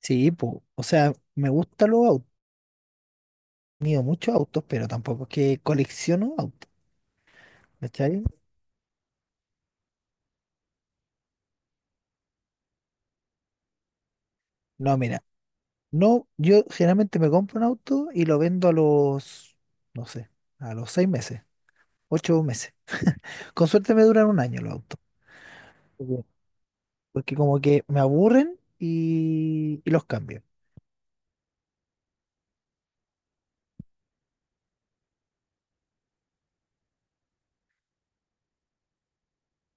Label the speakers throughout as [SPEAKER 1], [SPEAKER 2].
[SPEAKER 1] Sí, po, o sea, me gustan los autos, he tenido muchos autos, pero tampoco es que colecciono autos, ¿cachai? No, mira, no, yo generalmente me compro un auto y lo vendo a los, no sé, a los 6 meses, 8 meses. Con suerte me duran un año los autos, porque porque como que me aburren y los cambio.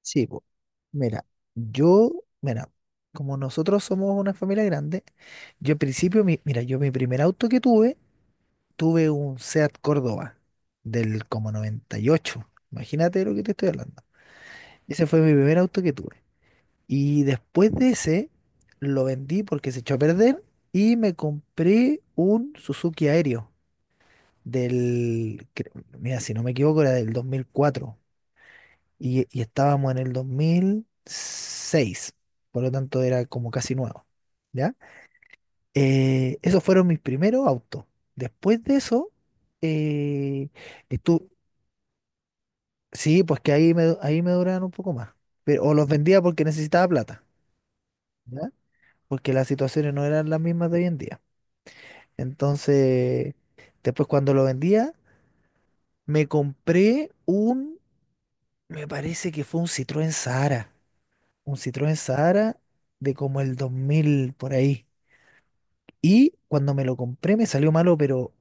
[SPEAKER 1] Sí, po, mira, yo, mira, como nosotros somos una familia grande, yo en principio, mira, yo mi primer auto que tuve un Seat Córdoba del como 98. Imagínate de lo que te estoy hablando. Ese fue mi primer auto que tuve. Y después de ese, lo vendí porque se echó a perder y me compré un Suzuki Aéreo del, cre- mira, si no me equivoco, era del 2004 y estábamos en el 2006. Por lo tanto, era como casi nuevo. ¿Ya? Esos fueron mis primeros autos. Después de eso, eh, estuve. Sí, pues que ahí me duraban un poco más. Pero, o los vendía porque necesitaba plata, ¿ya? Porque las situaciones no eran las mismas de hoy en día. Entonces, después cuando lo vendía, me compré me parece que fue un Citroën Sahara. Un Citroën Sahara de como el 2000 por ahí. Y cuando me lo compré me salió malo, pero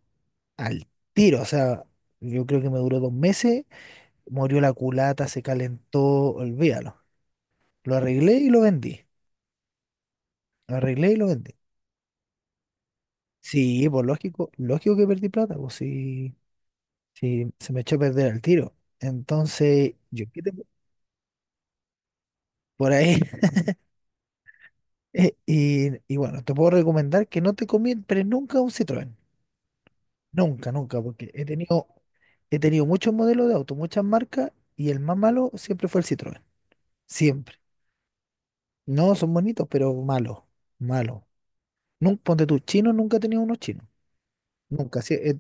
[SPEAKER 1] al tiro. O sea, yo creo que me duró 2 meses. Murió la culata, se calentó, olvídalo. Lo arreglé y lo vendí. Lo arreglé y lo vendí. Sí, pues lógico, lógico que perdí plata, pues sí, sí, se me echó a perder el tiro. Entonces, yo quedé por ahí. Y bueno, te puedo recomendar que no te compres nunca un Citroën. Nunca, nunca, porque he tenido muchos modelos de auto, muchas marcas, y el más malo siempre fue el Citroën. Siempre. No, son bonitos, pero malos. Malos. Ponte tú, chino, nunca he tenido unos chinos. Nunca. Sí,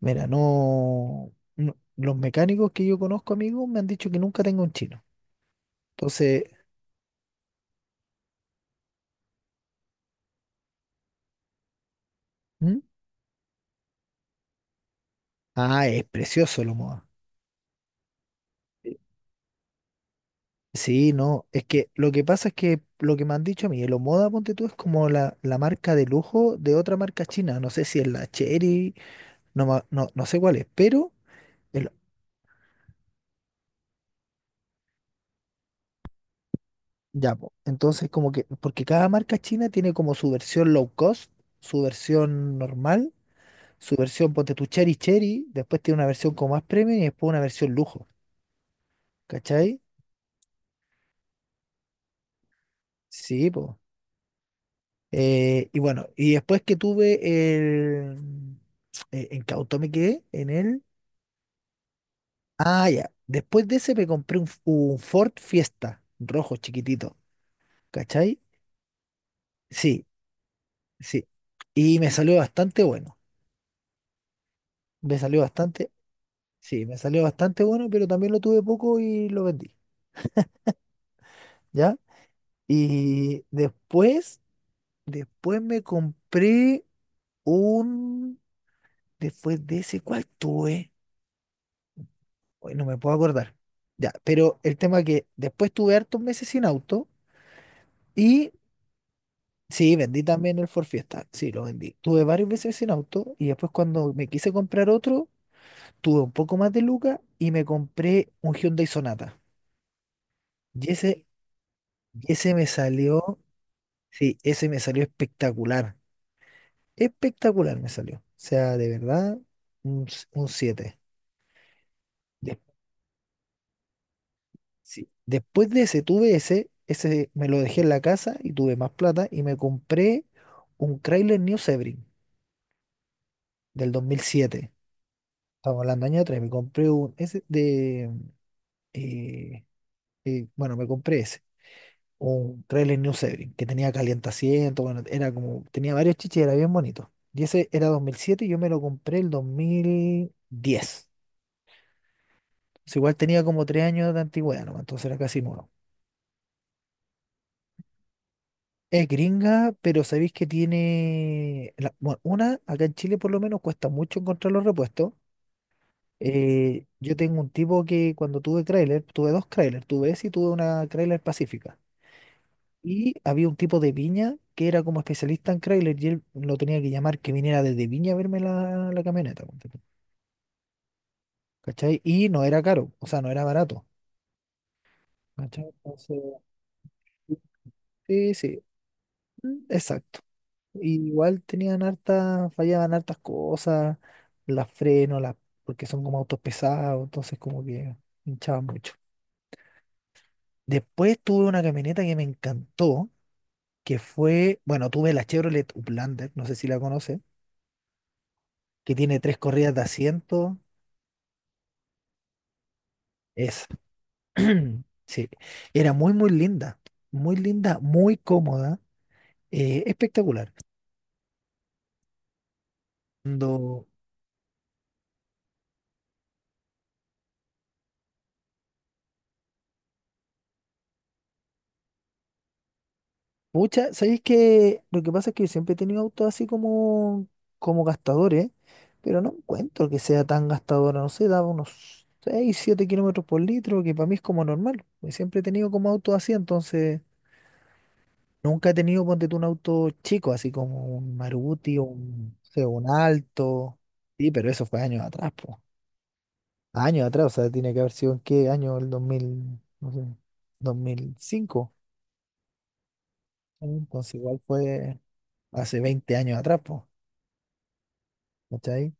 [SPEAKER 1] mira, los mecánicos que yo conozco, amigos, me han dicho que nunca tengo un chino. Entonces, ¿mm? Ah, es precioso el Omoda. Eh, Sí, no. Es que lo que pasa es que lo que me han dicho a mí, el Omoda, ponte tú, es como la marca de lujo de otra marca china. No sé si es la Chery, no, no sé cuál es, pero el- ya, po. Entonces, como que, porque cada marca china tiene como su versión low cost, su versión normal, su versión, ponte tu, Cherry Cherry, después tiene una versión como más premium y después una versión lujo, ¿cachai? Sí, pues. Y bueno, y después que tuve el... ¿en qué auto me quedé? Ah, ya. Después de ese me compré un Ford Fiesta, rojo, chiquitito, ¿cachai? Sí, sí. Y me salió bastante bueno. Me salió bastante, sí, me salió bastante bueno, pero también lo tuve poco y lo vendí, ¿ya? Y después, me compré un... Después de ese, ¿cuál tuve? Hoy no me puedo acordar. Ya, pero el tema que después tuve hartos meses sin auto y sí, vendí también el Ford Fiesta. Sí, lo vendí. Tuve varios meses sin auto y después cuando me quise comprar otro, tuve un poco más de lucas y me compré un Hyundai Sonata. Y ese, y ese me salió, sí, ese me salió espectacular. Espectacular me salió. O sea, de verdad, un siete. Sí. Después de ese, tuve ese, ese me lo dejé en la casa y tuve más plata y me compré un Chrysler New Sebring del 2007. Estamos hablando año 3, me compré eh, bueno, me compré ese, un Chrysler New Sebring, que tenía calientaciento, bueno, era como, tenía varios chiches, era bien bonito. Y ese era 2007 y yo me lo compré el 2010. O sea, igual tenía como 3 años de antigüedad, nomás, entonces era casi nuevo. Es gringa, pero sabéis que tiene, bueno, una, acá en Chile por lo menos cuesta mucho encontrar los repuestos. Yo tengo un tipo que cuando tuve Crailer, tuve dos Crailer, tuve ese y tuve una Crailer Pacífica. Y había un tipo de Viña que era como especialista en Crailer y él lo tenía que llamar que viniera desde Viña a verme la camioneta, ponte tú. ¿Cachai? Y no era caro, o sea, no era barato. ¿Cachai? Entonces, sí, sí, mm, exacto. Y igual tenían hartas, fallaban hartas cosas, las frenos, porque son como autos pesados, entonces como que hinchaban mucho. Después tuve una camioneta que me encantó, que fue, bueno, tuve la Chevrolet Uplander, no sé si la conoces, que tiene tres corridas de asiento. Esa. Sí, era muy, muy linda, muy linda, muy cómoda, espectacular. Pucha, sabéis que lo que pasa es que yo siempre he tenido autos así como gastadores, pero no encuentro que sea tan gastadora, no sé, daba unos 6, 7 kilómetros por litro, que para mí es como normal. Y siempre he tenido como autos así, entonces nunca he tenido, ponte tú, un auto chico, así como un Maruti, o un, no sé, un Alto. Sí, pero eso fue años atrás, pues. Años atrás, o sea, tiene que haber sido en qué año, el 2000, no sé, 2005. Entonces igual fue hace 20 años atrás, pues. ¿Cachai?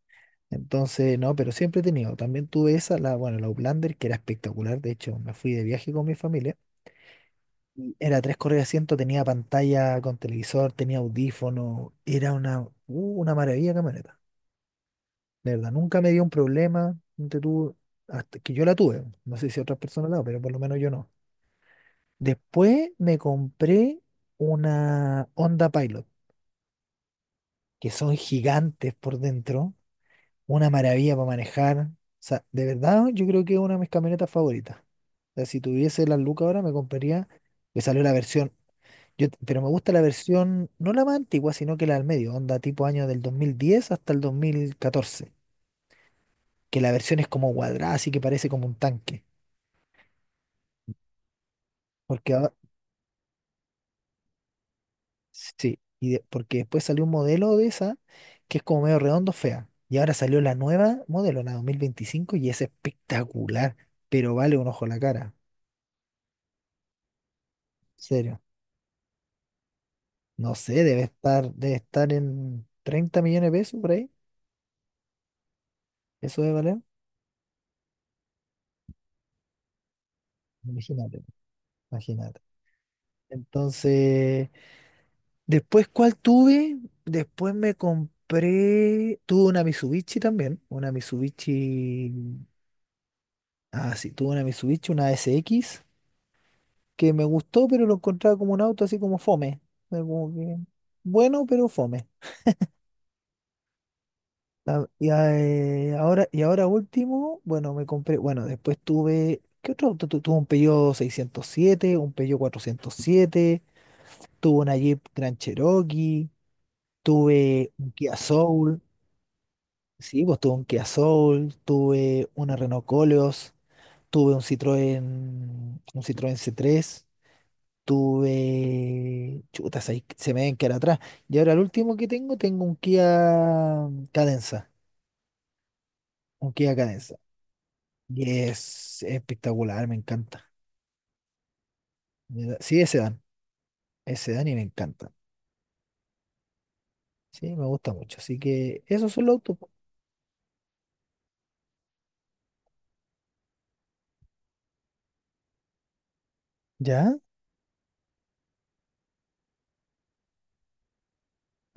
[SPEAKER 1] Entonces, no, pero siempre he tenido. También tuve esa, la, bueno, la Uplander, que era espectacular. De hecho, me fui de viaje con mi familia. Y era tres correas de asiento, tenía pantalla con televisor, tenía audífono. Era una maravilla de camioneta. De verdad, nunca me dio un problema. Ponte tú, hasta que yo la tuve. No sé si otras personas la, han, pero por lo menos yo no. Después me compré una Honda Pilot, que son gigantes por dentro. Una maravilla para manejar. O sea, de verdad, yo creo que es una de mis camionetas favoritas. O sea, si tuviese las lucas ahora, me compraría, que salió la versión, yo, pero me gusta la versión, no la más antigua, sino que la del medio, onda tipo año del 2010 hasta el 2014, que la versión es como cuadrada, así que parece como un tanque. Porque ahora, sí, y porque después salió un modelo de esa, que es como medio redondo, fea. Y ahora salió la nueva modelo, la 2025, y es espectacular, pero vale un ojo la cara. Serio. No sé, debe estar, en 30 millones de pesos por ahí. Eso debe valer. Imagínate, imagínate. Entonces, después, ¿cuál tuve? Después me compré, tuve una Mitsubishi también, una Mitsubishi, ah, sí, tuve una Mitsubishi, una SX, que me gustó, pero lo encontraba como un auto así como fome. Fue como que, bueno, pero fome. Ahora último, bueno, me compré, bueno, después tuve, ¿qué otro auto? Tuve un Peugeot 607, un Peugeot 407, tuve una Jeep Grand Cherokee, tuve un Kia Soul, sí, pues tuve un Kia Soul, tuve una Renault Coleos, tuve un Citroën C3, tuve, chutas, ahí se me ven que era atrás. Y ahora el último que tengo, tengo un Kia Cadenza, un Kia Cadenza. Y es espectacular, me encanta. Sí, ese dan y me encanta. Sí, me gusta mucho. Así que esos son los autos, po. ¿Ya?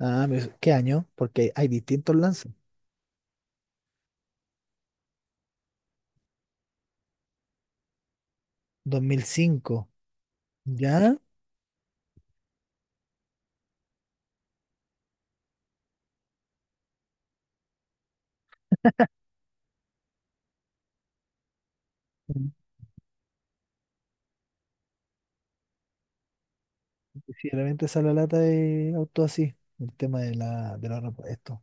[SPEAKER 1] Ah, ¿qué año? Porque hay distintos lances. 2005. ¿Ya? Mm, sí, realmente sale la lata de autos así. El tema de de los repuestos.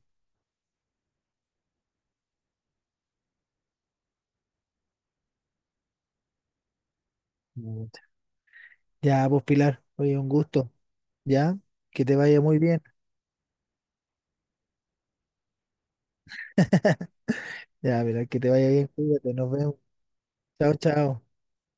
[SPEAKER 1] Pucha. Ya, pues Pilar, oye, un gusto. ¿Ya? Que te vaya muy bien. Ya, Pilar, que te vaya bien, cuídate, nos vemos. Chao, chao.